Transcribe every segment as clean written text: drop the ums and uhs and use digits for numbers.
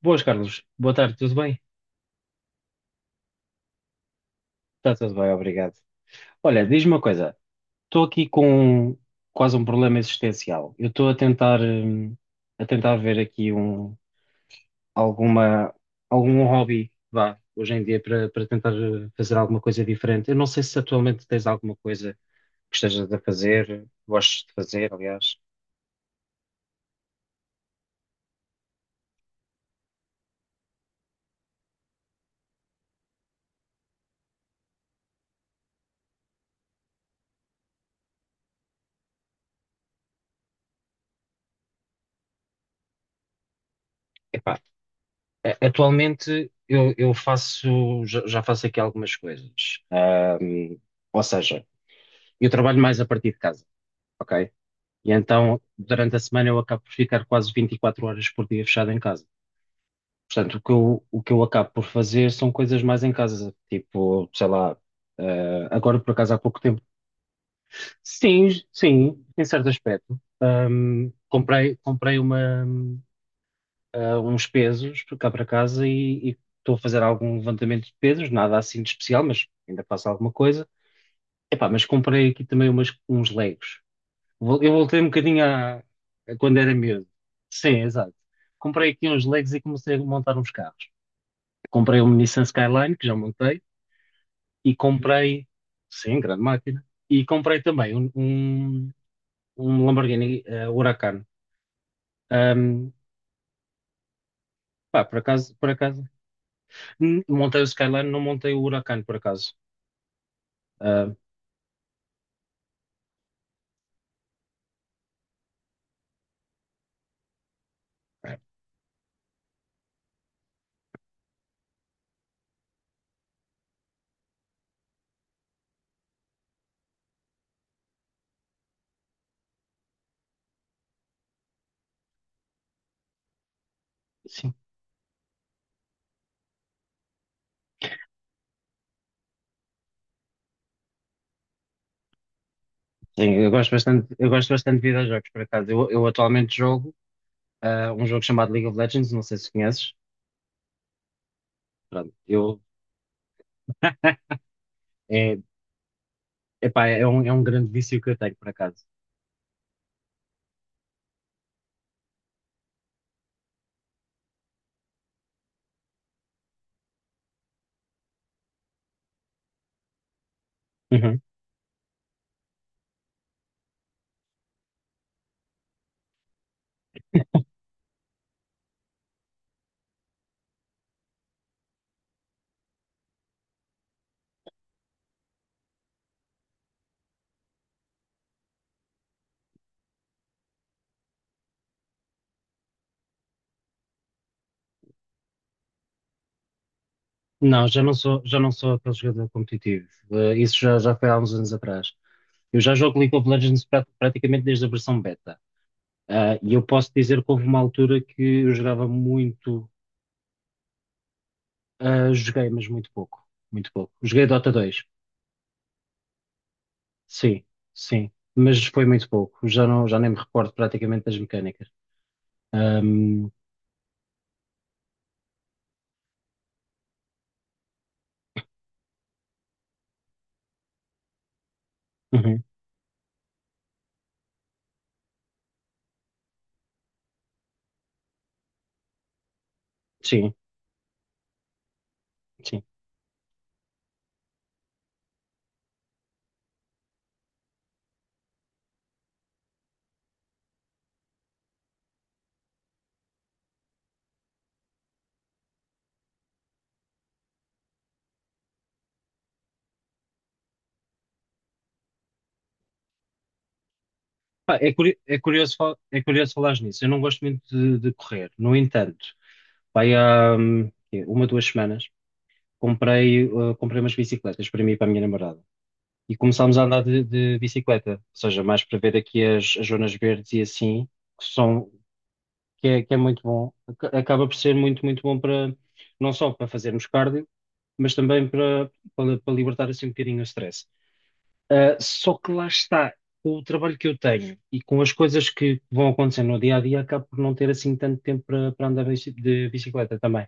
Boas, Carlos. Boa tarde, tudo bem? Está tudo bem, obrigado. Olha, diz-me uma coisa. Estou aqui com quase um problema existencial. Eu estou a tentar ver aqui alguma, algum hobby, vá, hoje em dia para, para tentar fazer alguma coisa diferente. Eu não sei se atualmente tens alguma coisa que estejas a fazer, gostes de fazer, aliás. Epá, atualmente eu faço, já, já faço aqui algumas coisas. Ahm, ou seja, eu trabalho mais a partir de casa, ok? E então, durante a semana, eu acabo por ficar quase 24 horas por dia fechado em casa. Portanto, o que eu acabo por fazer são coisas mais em casa, tipo, sei lá, agora por acaso há pouco tempo. Sim, sim, em certo aspecto. Comprei uma, uns pesos cá para casa e estou a fazer algum levantamento de pesos, nada assim de especial, mas ainda faço alguma coisa. Epá, mas comprei aqui também uns Legos. Eu voltei um bocadinho a quando era miúdo. Sim, exato. Comprei aqui uns Legos e comecei a montar uns carros. Comprei um Nissan Skyline, que já montei, Uhum. Comprei, sim, grande máquina, e comprei também um Lamborghini Huracan. Ahm, pá, por acaso, montei o Skyline, não montei o Huracan, por acaso. Ah, sim, sim, eu gosto bastante de videojogos, por acaso. Eu atualmente jogo um jogo chamado League of Legends, não sei se conheces. Pronto, eu é Epá, é um grande vício que eu tenho, por acaso. Uhum. Não, já não sou aquele jogador competitivo. Isso já, já foi há uns anos atrás. Eu já jogo League of Legends praticamente desde a versão beta. Ah, e eu posso dizer que houve uma altura que eu jogava muito, ah, joguei, mas muito pouco. Muito pouco. Joguei Dota 2. Sim, sim. Mas foi muito pouco. Já não, já nem me recordo praticamente das mecânicas. Ahm, uhum. Sim, sim. Pá, é, é curioso, é curioso falares nisso. Eu não gosto muito de correr. No entanto, vai há quê? Uma, duas semanas, comprei umas bicicletas para mim e para a minha namorada. E começámos a andar de bicicleta, ou seja, mais para ver aqui as, as zonas verdes e assim, que são, que é muito bom. Acaba por ser muito, muito bom para, não só para fazermos cardio, mas também para libertar assim um bocadinho o stress. Só que lá está, com o trabalho que eu tenho e com as coisas que vão acontecendo no dia a dia, acabo por não ter assim tanto tempo para andar de de bicicleta também.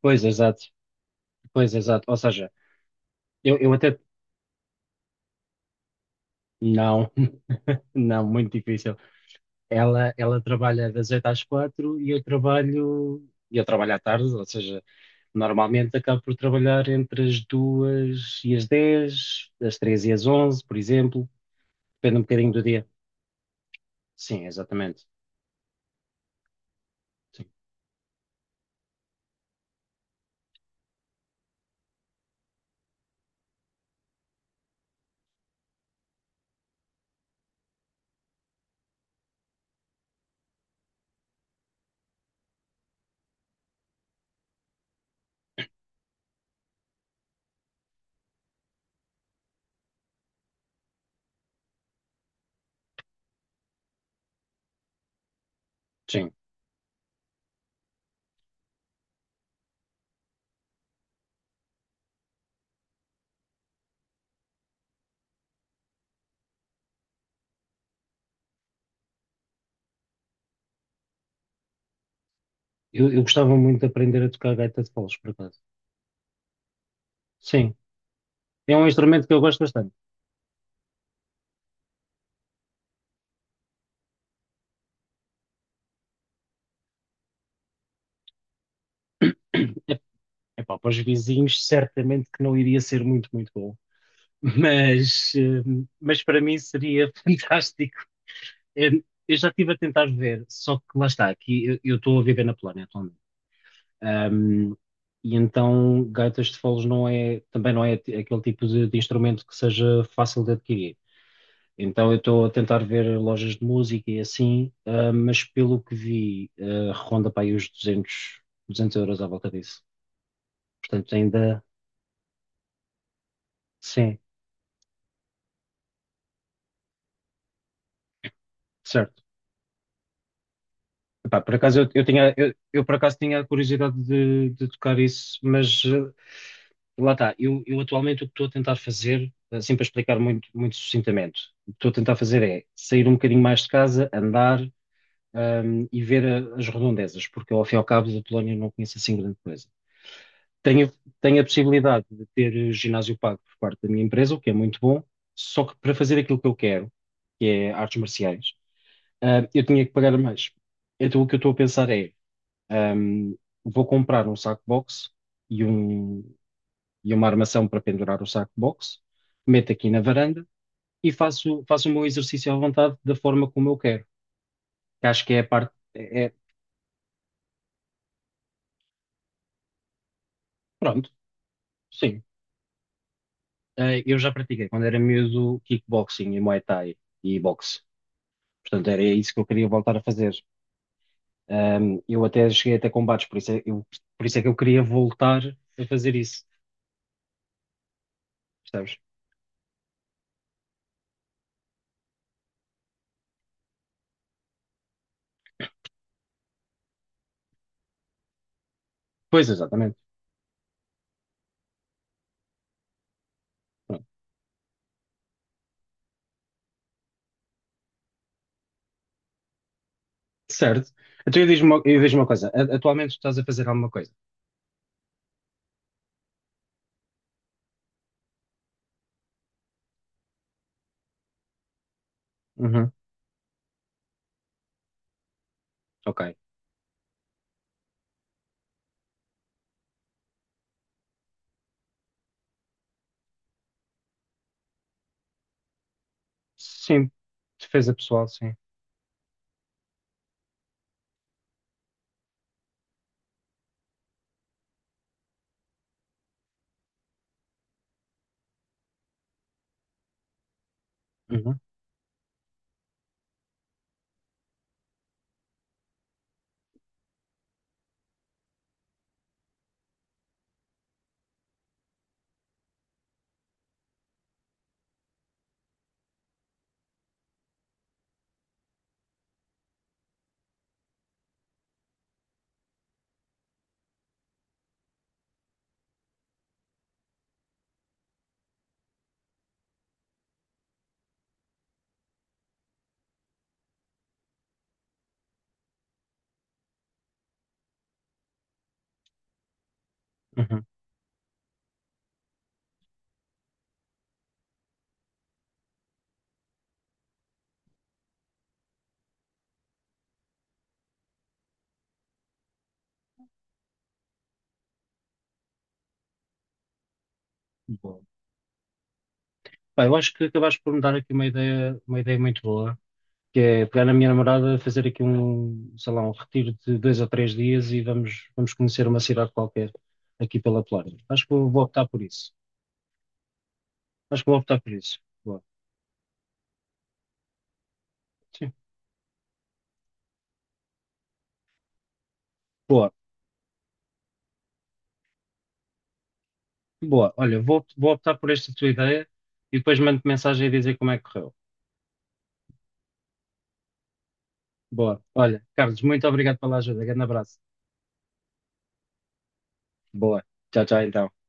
Pois, exato, pois, exato. Ou seja, eu até. Não, não, muito difícil. Ela trabalha das 8 às 4 e eu trabalho. Eu trabalho à tarde, ou seja, normalmente acabo por trabalhar entre as 2 e as dez, as três e as onze, por exemplo, depende um bocadinho do dia. Sim, exatamente. Sim, sim. Eu gostava muito de aprender a tocar gaita de foles, por acaso. Sim, é um instrumento que eu gosto bastante. Epá, para os vizinhos, certamente que não iria ser muito, muito bom, mas, mas para mim seria fantástico. Eu, eu já estive a tentar ver, só que lá está, aqui eu estou a viver na Polónia atualmente. Ahm, e então, gaitas de foles não é, também não é aquele tipo de instrumento que seja fácil de adquirir. Então eu estou a tentar ver lojas de música e assim, ah, mas pelo que vi, ah, ronda para aí os 200€ à volta disso. Portanto, ainda, sim, certo. Epá, por acaso eu por acaso tinha a curiosidade de tocar isso, mas ah, lá está. Eu atualmente o que estou a tentar fazer, assim para explicar muito, muito sucintamente, o que estou a tentar fazer é sair um bocadinho mais de casa, andar, ah, e ver as redondezas, porque eu, ao fim e ao cabo da Polónia não conheço assim grande coisa. Tenho, tenho a possibilidade de ter ginásio pago por parte da minha empresa, o que é muito bom, só que para fazer aquilo que eu quero, que é artes marciais, ah, eu tinha que pagar mais. Então o que eu estou a pensar é, ahm, vou comprar um saco box e, um, e uma armação para pendurar o saco box, meto aqui na varanda e faço, faço o meu exercício à vontade da forma como eu quero, que acho que é a parte, é- pronto, sim. Ah, eu já pratiquei quando era miúdo kickboxing e Muay Thai e boxe. Portanto, era isso que eu queria voltar a fazer. Eu até cheguei até combates, por isso é que eu queria voltar a fazer isso, percebes? Pois, exatamente. Pronto. Certo. Então eu diz uma coisa. Atualmente tu estás a fazer alguma coisa? Uhum. Ok. Sim. Defesa pessoal, sim. Uhum. Uhum. Boa. Pá, eu acho que acabaste por me dar aqui uma ideia muito boa, que é pegar na minha namorada, fazer aqui um, sei lá, um retiro de dois ou três dias e vamos, vamos conhecer uma cidade qualquer aqui pela Polónia. Acho que eu vou optar por isso. Acho que vou optar por isso. Boa. Sim. Boa, boa. Olha, vou, vou optar por esta tua ideia e depois mando mensagem a dizer como é que correu. Boa. Olha, Carlos, muito obrigado pela ajuda. Grande abraço. Boa. Tchau, tchau, então.